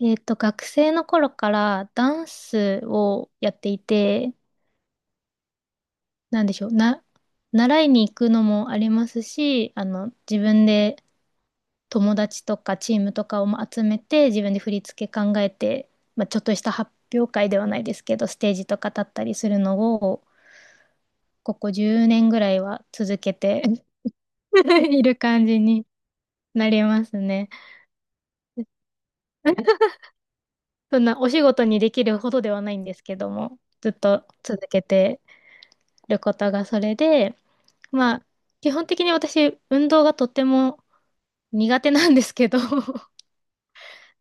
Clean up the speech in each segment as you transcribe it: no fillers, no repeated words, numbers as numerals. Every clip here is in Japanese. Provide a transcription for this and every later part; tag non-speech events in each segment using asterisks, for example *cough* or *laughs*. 学生の頃からダンスをやっていて、なんでしょう、な、習いに行くのもありますし、自分で友達とかチームとかを集めて、自分で振り付け考えて、まあ、ちょっとした発表会ではないですけど、ステージとか立ったりするのを、ここ10年ぐらいは続けて *laughs* いる感じになりますね。*laughs* そんなお仕事にできるほどではないんですけども、ずっと続けてることがそれで、まあ、基本的に私、運動がとっても苦手なんですけど、*laughs*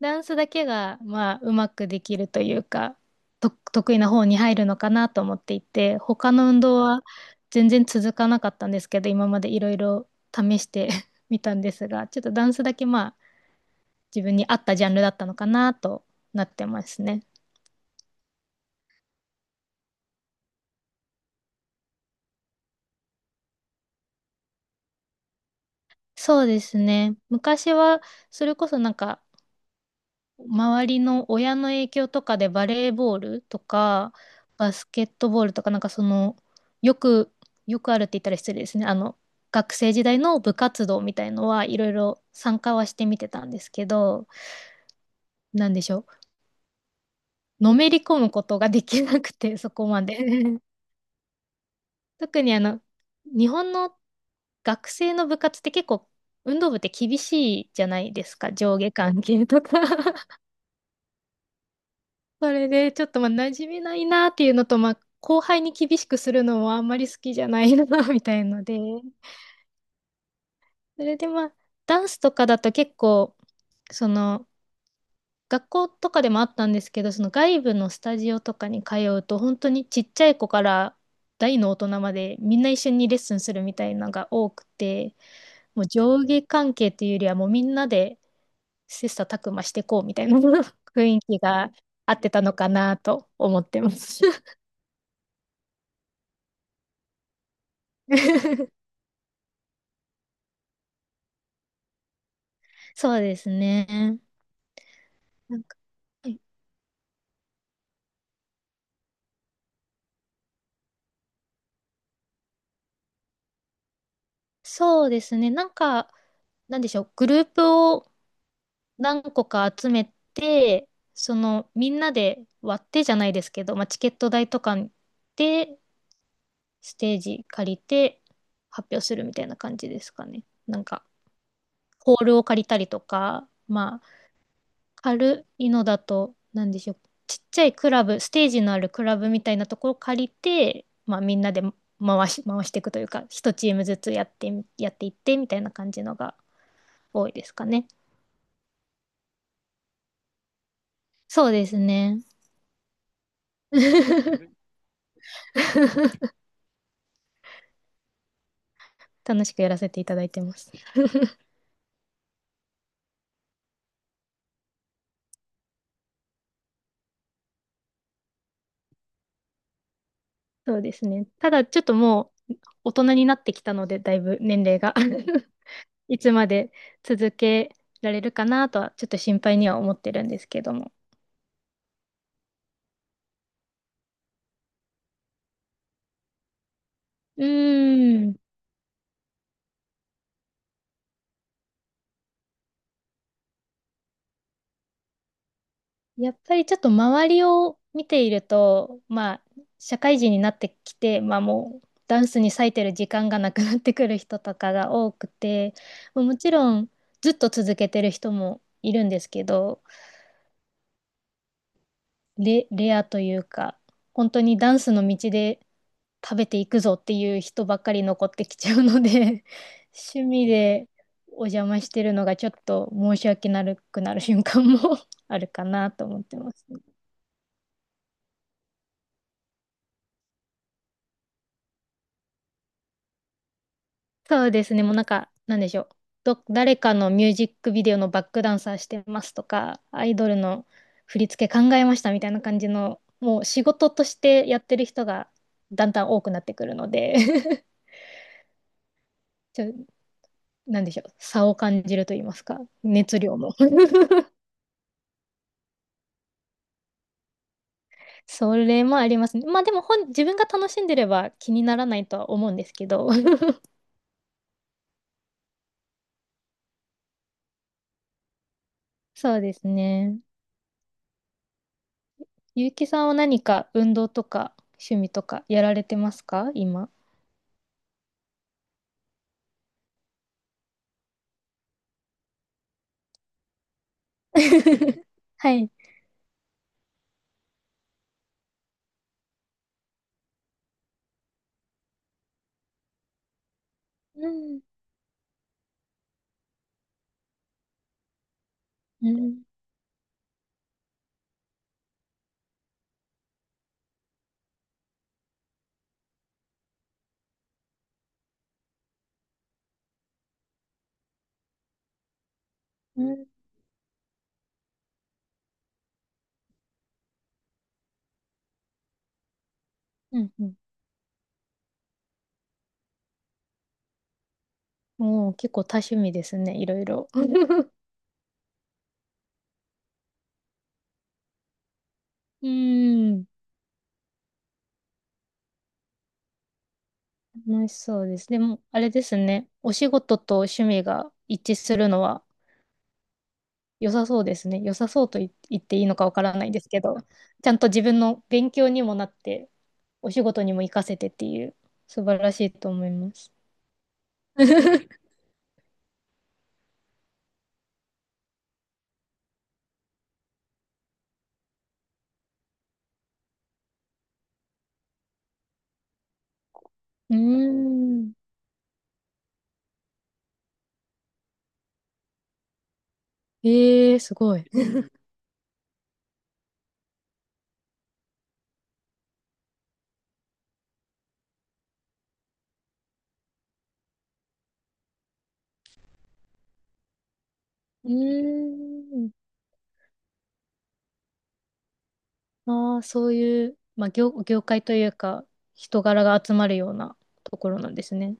ダンスだけが、まあ、うまくできるというか、得意な方に入るのかなと思っていて、他の運動は全然続かなかったんですけど、今までいろいろ試して *laughs* みたんですが、ちょっとダンスだけ、まあ、自分に合ったジャンルだったのかなとなってますね。そうですね。昔は、それこそなんか、周りの親の影響とかでバレーボールとか、バスケットボールとか、なんかその、よく、よくあるって言ったら失礼ですね。学生時代の部活動みたいのはいろいろ参加はしてみてたんですけど、なんでしょう。のめり込むことができなくて、*laughs* そこまで。*laughs* 特に日本の学生の部活って結構運動部って厳しいじゃないですか。上下関係とか。それで、ちょっとまあ、馴染めないなっていうのと、まあ、後輩に厳しくするのもあんまり好きじゃないな *laughs*、みたいので。それでまあ、ダンスとかだと結構、その、学校とかでもあったんですけど、その外部のスタジオとかに通うと、本当にちっちゃい子から大の大人までみんな一緒にレッスンするみたいなのが多くて、もう上下関係というよりはもうみんなで切磋琢磨していこうみたいな *laughs* 雰囲気が合ってたのかなと思ってます。*laughs* そうですね。なんか、はい、そうですね。なんか、なんでしょう。グループを何個か集めて、みんなで割ってじゃないですけど、まあ、チケット代とかで、ステージ借りて発表するみたいな感じですかね。なんか、ホールを借りたりとか、まあ、軽いのだと、なんでしょう。ちっちゃいクラブ、ステージのあるクラブみたいなところを借りて、まあみんなで回していくというか、一チームずつやっていってみたいな感じのが多いですかね。そうですね。*laughs* 楽しくやらせていただいてます。そうですね。ただちょっともう大人になってきたので、だいぶ年齢が *laughs* いつまで続けられるかなとはちょっと心配には思ってるんですけども。うーん。やっぱりちょっと周りを見ていると、まあ、社会人になってきて、まあもう、ダンスに割いてる時間がなくなってくる人とかが多くて、まあもちろん、ずっと続けてる人もいるんですけど、レアというか、本当にダンスの道で食べていくぞっていう人ばっかり残ってきちゃうので、*laughs* 趣味でお邪魔してるのがちょっと申し訳なくなる瞬間も *laughs* あるかなと思ってますね。そうですね。もうなんか、なんでしょう。誰かのミュージックビデオのバックダンサーしてますとか、アイドルの振り付け考えましたみたいな感じの、もう仕事としてやってる人がだんだん多くなってくるので *laughs* ちょ、なんでしょう。差を感じると言いますか。熱量の *laughs* それもありますね。まあでも自分が楽しんでれば気にならないとは思うんですけど。*laughs* そうですね。ゆうきさんは何か運動とか趣味とかやられてますか今。*laughs* はい。うん。うん。うん。うん。うん。もう結構多趣味ですね。いろいろ。*laughs* うん。楽しそうです。でも、あれですね。お仕事と趣味が一致するのは良さそうですね。良さそうと言っていいのかわからないですけど、ちゃんと自分の勉強にもなって、お仕事にも活かせてっていう、素晴らしいと思います。*laughs* うーん。ええー、すごい。うーん。ああ、そういう、まあ、業界というか、人柄が集まるようなところなんですね。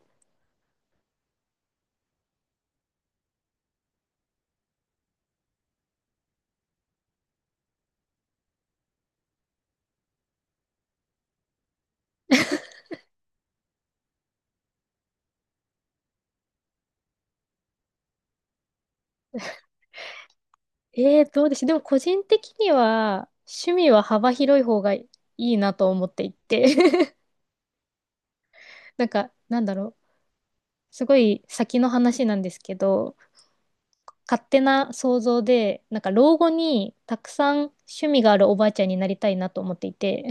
どうでしょう。でも個人的には、趣味は幅広い方がいいなと思っていて。*laughs* なんか、すごい先の話なんですけど、勝手な想像で、なんか老後にたくさん趣味があるおばあちゃんになりたいなと思っていて。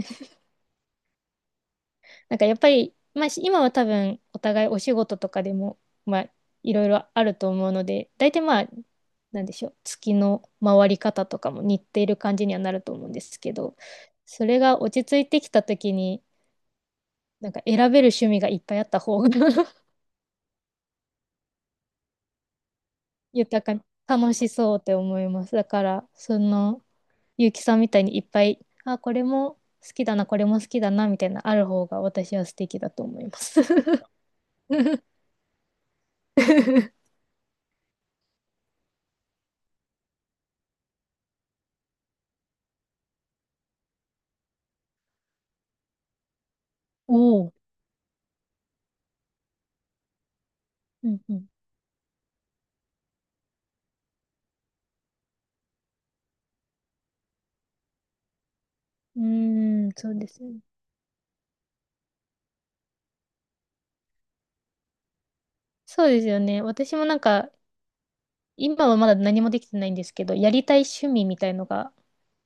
なんかやっぱり、まあ、今は多分お互いお仕事とかでも、まあ、いろいろあると思うので、大体まあ、なんでしょう、月の回り方とかも似ている感じにはなると思うんですけど、それが落ち着いてきた時に、なんか選べる趣味がいっぱいあった方が *laughs* 豊か、楽しそうって思います。だから、ゆうきさんみたいにいっぱい、あ、これも好きだな、これも好きだな、みたいな、ある方が私は素敵だと思います。*laughs* おお。うんうん、うーん、そうですよね。そうですよね。私もなんか、今はまだ何もできてないんですけど、やりたい趣味みたいのが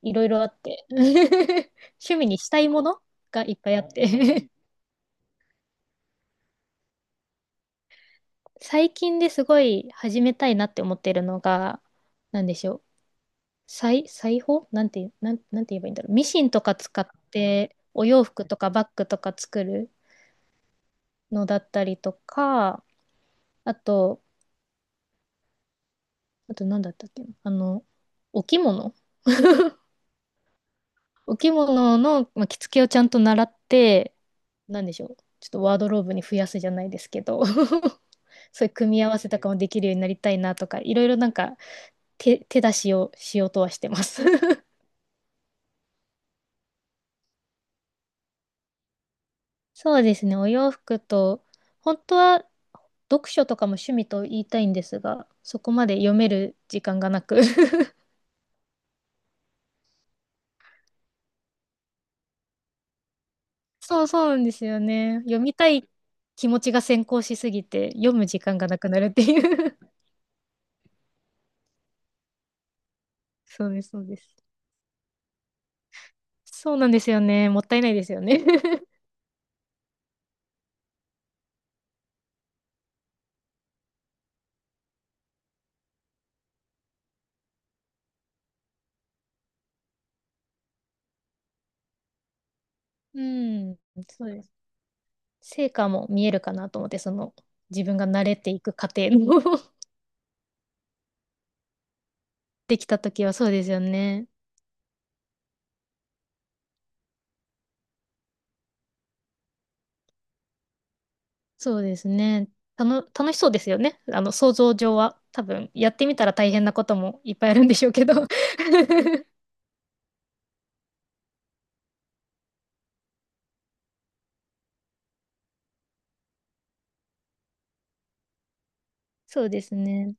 いろいろあって、*laughs* 趣味にしたいものがいっぱいあって *laughs* 最近ですごい始めたいなって思ってるのが、なんでしょう。裁縫なんて、なんて言えばいいんだろう。ミシンとか使って、お洋服とかバッグとか作るのだったりとか、あと、あと何だったっけな、お着物お着物の、まあ、着付けをちゃんと習って、なんでしょう。ちょっとワードローブに増やすじゃないですけど、*laughs* そういう組み合わせとかもできるようになりたいなとか、いろいろなんか手出しをしようとはしてます。*laughs* そうですね、お洋服と、本当は読書とかも趣味と言いたいんですが、そこまで読める時間がなく。*laughs* そうそう、なんですよね。読みたい気持ちが先行しすぎて、読む時間がなくなるっていう。*laughs* そうです、そうです。そうなんですよね。もったいないですよね。*laughs* うん、そうです。成果も見えるかなと思って、その自分が慣れていく過程も *laughs* できたときはそうですよね。そうですね。楽しそうですよね。想像上は。多分、やってみたら大変なこともいっぱいあるんでしょうけど *laughs* そうですね。